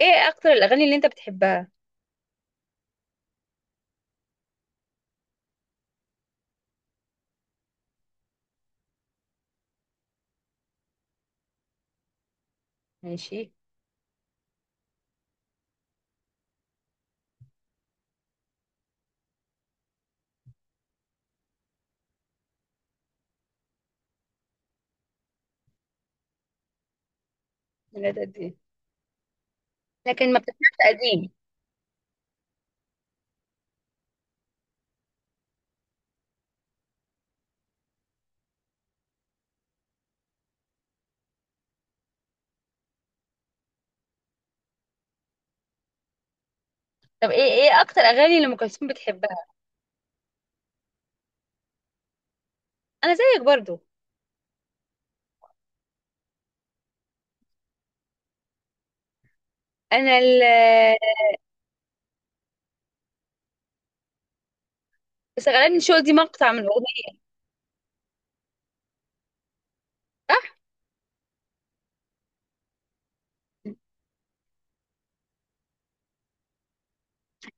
ايه اكتر الاغاني اللي انت بتحبها؟ ماشي. من قد ايه؟ لكن ما بتسمعش قديم؟ طب ايه اكتر اغاني لام كلثوم بتحبها؟ انا زيك برضو. انا ال بس غالبا شو دي مقطع من اغنيه. صح.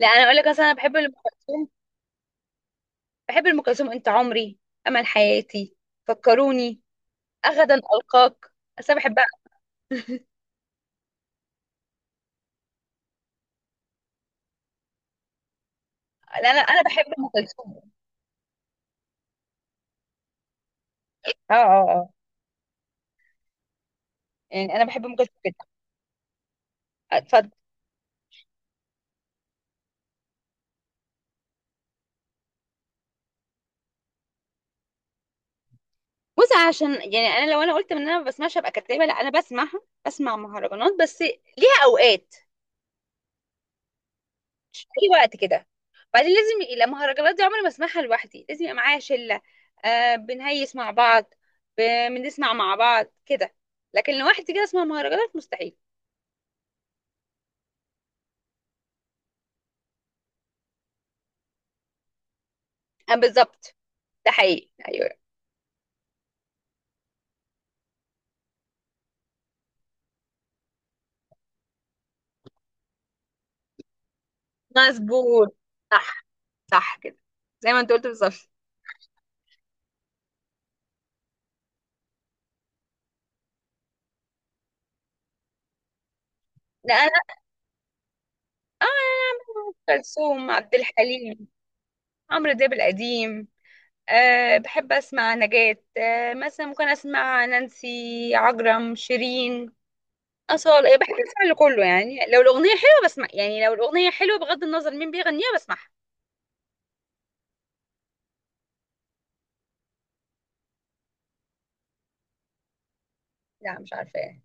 لا، انا اقول لك، اصلا انا بحب ام كلثوم. بحب ام كلثوم: انت عمري، امل حياتي، فكروني، غدا القاك. بس انا بحبها. لا، انا بحب ام كلثوم. اه، اه، اه، يعني انا بحب ام كلثوم جدا. اتفضل. بص، عشان يعني انا لو انا قلت ان انا ما بسمعش ابقى كدابه. لا، انا بسمعها، بسمع مهرجانات، بس ليها اوقات. مش اي وقت كده. بعدين لازم يبقى، لا، المهرجانات دي عمري ما اسمعها لوحدي، لازم يبقى معايا شله، بنهيس مع بعض، ب- بنسمع مع بعض كده. لكن لوحدي كده اسمع مهرجانات مستحيل. آه، بالظبط. ده حقيقي، ايوه. مظبوط. صح. صح كده، زي ما انت قلت بالظبط. لا، انا. اه. أم كلثوم، عبد الحليم، عمرو دياب القديم. أه، بحب أسمع نجاة. مثلا ممكن أسمع نانسي عجرم، شيرين، أصالة. بحب أسمع لكله. يعني لو الأغنية حلوة بسمع، يعني لو الأغنية حلوة بغض النظر مين بيغنيها بسمعها. لا، مش عارفة إيه.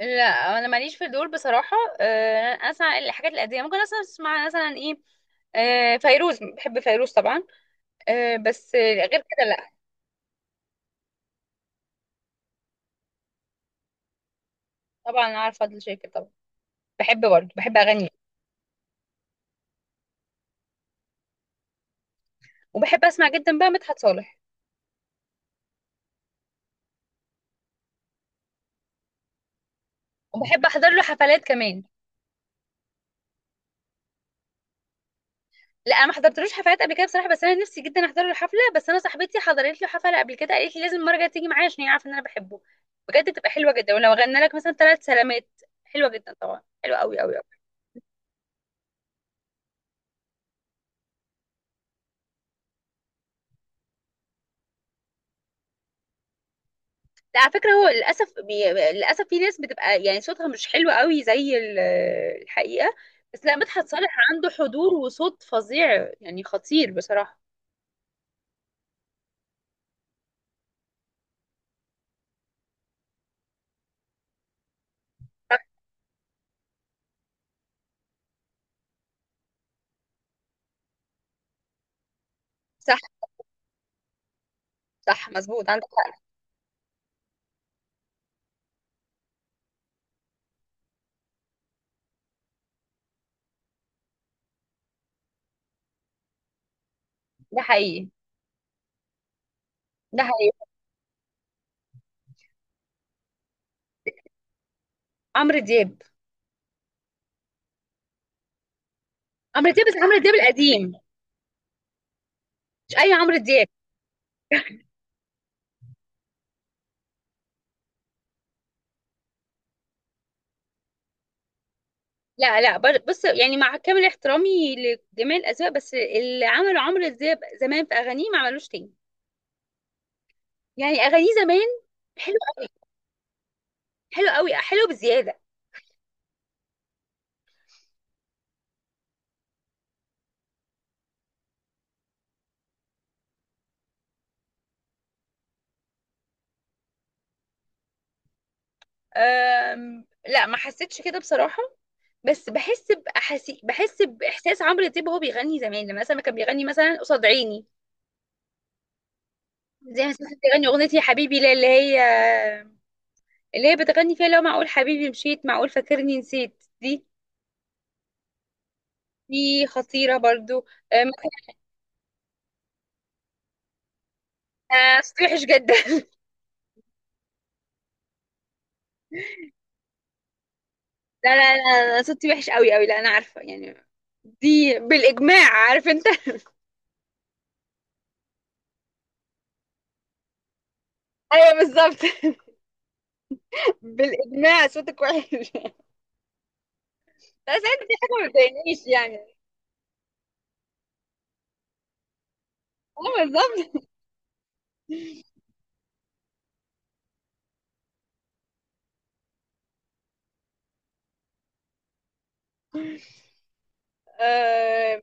لا، أنا ماليش في دول بصراحة. أنا أسمع الحاجات القديمة، ممكن أسمع مثلا إيه، فيروز، بحب فيروز طبعا. بس غير كده لا. طبعا عارفة فضل شاكر، طبعا. بحب برضه، بحب أغني. وبحب أسمع جدا بقى مدحت صالح. وبحب أحضر له حفلات كمان. لا، انا ما حضرتلوش حفلات قبل كده بصراحه، بس انا نفسي جدا احضر له حفله. بس انا صاحبتي حضرت له حفله قبل كده قالت لي لازم المره الجايه تيجي معايا عشان هي عارفه ان انا بحبه. بجد تبقى حلوه جدا، ولو غنى لك مثلا ثلاث سلامات، حلوه جدا طبعا، حلوه قوي قوي قوي. لا، على فكره، للاسف في ناس بتبقى يعني صوتها مش حلو قوي زي الحقيقه. بس لا، مدحت صالح عنده حضور وصوت فظيع، يعني خطير بصراحه. صح، صح، مظبوط، عندك حق. ده حقيقي. ده حقيقي. عمرو دياب. عمرو دياب، بس عمرو دياب القديم. مش اي عمرو دياب. لا، لا، بص، يعني مع كامل احترامي لجميع الأذواق، بس اللي عمله عمرو دياب زمان في أغانيه ما عملوش تاني. يعني أغانيه زمان حلو، حلو قوي، حلو بزيادة. لا، ما حسيتش كده بصراحة. بس بحس بإحساس عمرو دياب وهو بيغني زمان، لما مثلا كان بيغني مثلا قصاد عيني، زي مثلا كان بيغني أغنية يا حبيبي لا، اللي هي اللي هي بتغني فيها لو معقول حبيبي مشيت، معقول فاكرني نسيت. دي خطيرة برضو. أم، ما تستوحش جدا. لا، لا، لا، أنا صوتي وحش قوي قوي، لا انا عارفه يعني، دي بالاجماع، عارف انت. ايوه، بالظبط. بالاجماع صوتك وحش. لا بس انت دي حاجه ما بتضايقنيش يعني. اه، بالظبط. آه ب-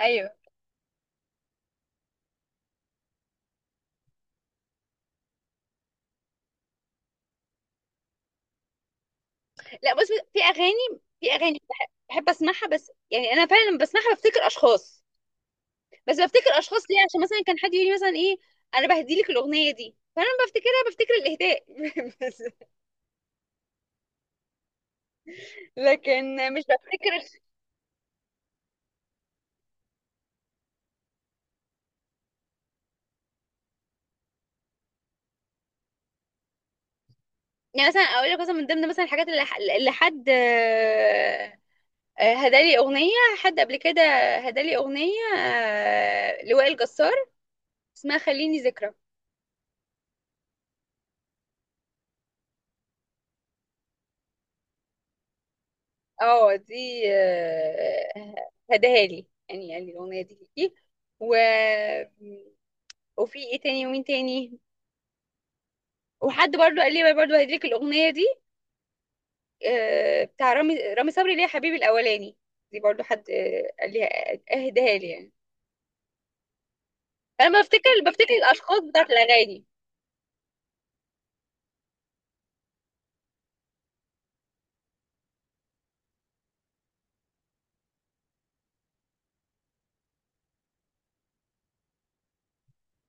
ايوه. لا، بص، في اغاني، بحب اسمعها، بس يعني انا فعلا لما بسمعها بفتكر اشخاص. بس بفتكر اشخاص ليه؟ عشان مثلا كان حد يقول لي مثلا: ايه، انا بهدي لك الاغنيه دي. فانا لما بفتكرها بفتكر الاهداء. بس. لكن مش بفتكر. يعني مثلا اقول لك مثلا من ضمن مثلا الحاجات اللي حد هدالي اغنيه، حد قبل كده هدالي اغنيه لوائل جسار، اسمها خليني ذكرى. اه، دي، هداها لي يعني، قال لي الاغنيه دي ليكي. و وفي ايه تاني ومين تاني، وحد برضو قال لي برضو هديلك الاغنيه دي بتاع رامي صبري، اللي هي حبيبي الاولاني، دي برضو حد قال لي اهداها لي يعني. انا بفتكر الاشخاص بتاعت الاغاني.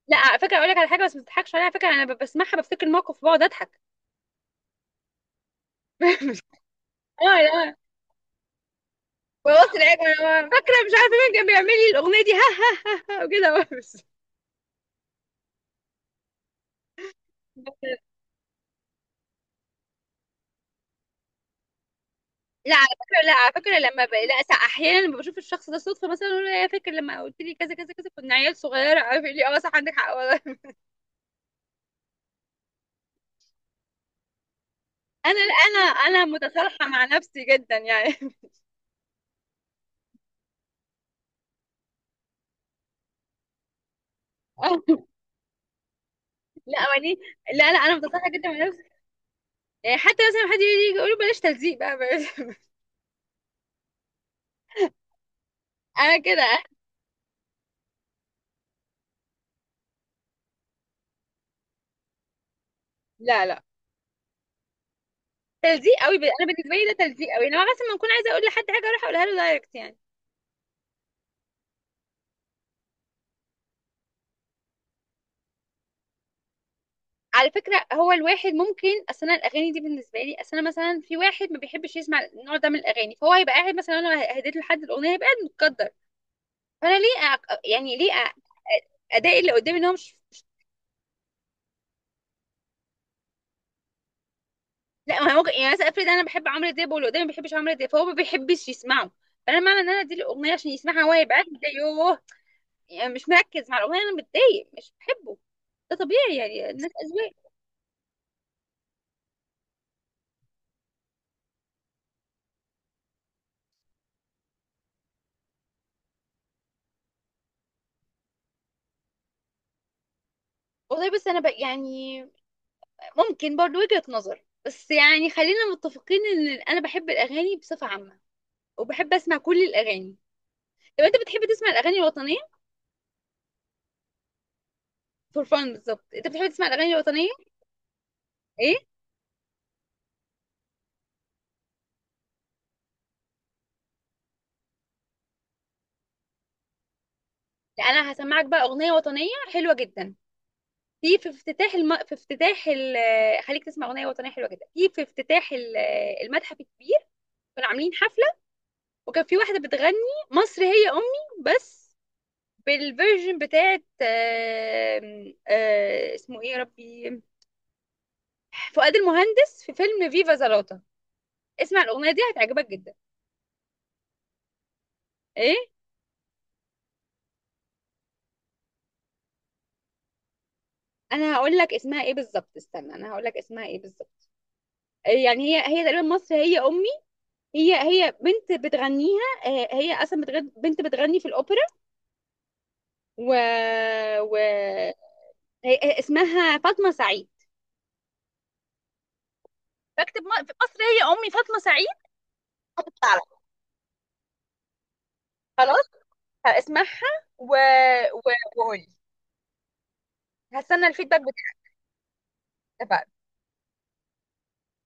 لا، على فكره اقول لك على حاجه، بس ما تضحكش عليها على فكره. انا بسمعها بفتكر الموقف بقعد اضحك. مش- اه لا. ببص، العيب انا فاكره، مش عارفه مين كان بيعمل لي الاغنيه دي. ها ها ها، ها، وكده بس. لا، على فكره، لا، احيانا لما بشوف الشخص ده صدفه، مثلا اقول له: يا فاكر لما قلت لي كذا كذا كذا، كنا عيال صغيره. عارف لي؟ اه صح، عندك حق والله. انا متصالحه مع نفسي جدا يعني. لا ماني، لا، لا، انا متصالحه جدا مع نفسي. يعني حتى مثلا حد يجي يقول لي بلاش تلزيق بقى بلاش. انا كده. لا، لا، تلزيق قوي. انا بالنسبه لي ده تلزيق قوي، انما مثلا ما اكون عايزه اقول لحد حاجه اروح اقولها له دايركت يعني. على فكره هو الواحد ممكن، اصل انا الاغاني دي بالنسبه لي، اصل انا مثلا في واحد ما بيحبش يسمع النوع ده من الاغاني، فهو هيبقى قاعد، مثلا انا هديت له حد الاغنيه هيبقى قاعد متقدر. فانا ليه أ... يعني ادائي اللي قدامي ان هو مش. لا، ما هو ممكن يعني مثلا افرض انا بحب عمرو دياب واللي قدامي ما بيحبش عمرو دياب، فهو ما بيحبش يسمعه. فانا معنى ان انا اديله الاغنيه عشان يسمعها هو هيبقى قاعد متضايق، يوه، يعني مش مركز مع الاغنيه: انا متضايق، مش بحبه. ده طبيعي يعني الناس. والله، بس انا بقى يعني ممكن برضو وجهة نظر، بس يعني خلينا متفقين ان انا بحب الاغاني بصفة عامة، وبحب اسمع كل الاغاني. طب انت بتحب تسمع الاغاني الوطنية؟ فور فان، بالظبط. انت بتحب تسمع الاغاني الوطنية؟ ايه. لا، انا هسمعك بقى اغنية وطنية حلوة جدا. في في افتتاح الم... في افتتاح ال... خليك تسمع اغنية وطنية حلوة جدا في افتتاح المتحف الكبير. كانوا عاملين حفلة، وكان في واحدة بتغني مصر هي امي، بس بالفيرجن بتاعت آم، آه، اسمه ايه يا ربي، فؤاد المهندس في فيلم فيفا زلاطة. اسمع الأغنية دي هتعجبك جدا. ايه. انا هقول لك اسمها ايه بالظبط، استنى، انا هقول لك اسمها ايه بالظبط. يعني هي تقريبا مصر هي امي. هي بنت بتغنيها. هي اصلا بنت بتغني في الاوبرا، و, و... هي اسمها فاطمه سعيد. فاكتب في مصر هي امي فاطمه سعيد، هتطلع لك. خلاص، هسمعها، و... و... وقولي، هستنى الفيدباك. اتفقنا.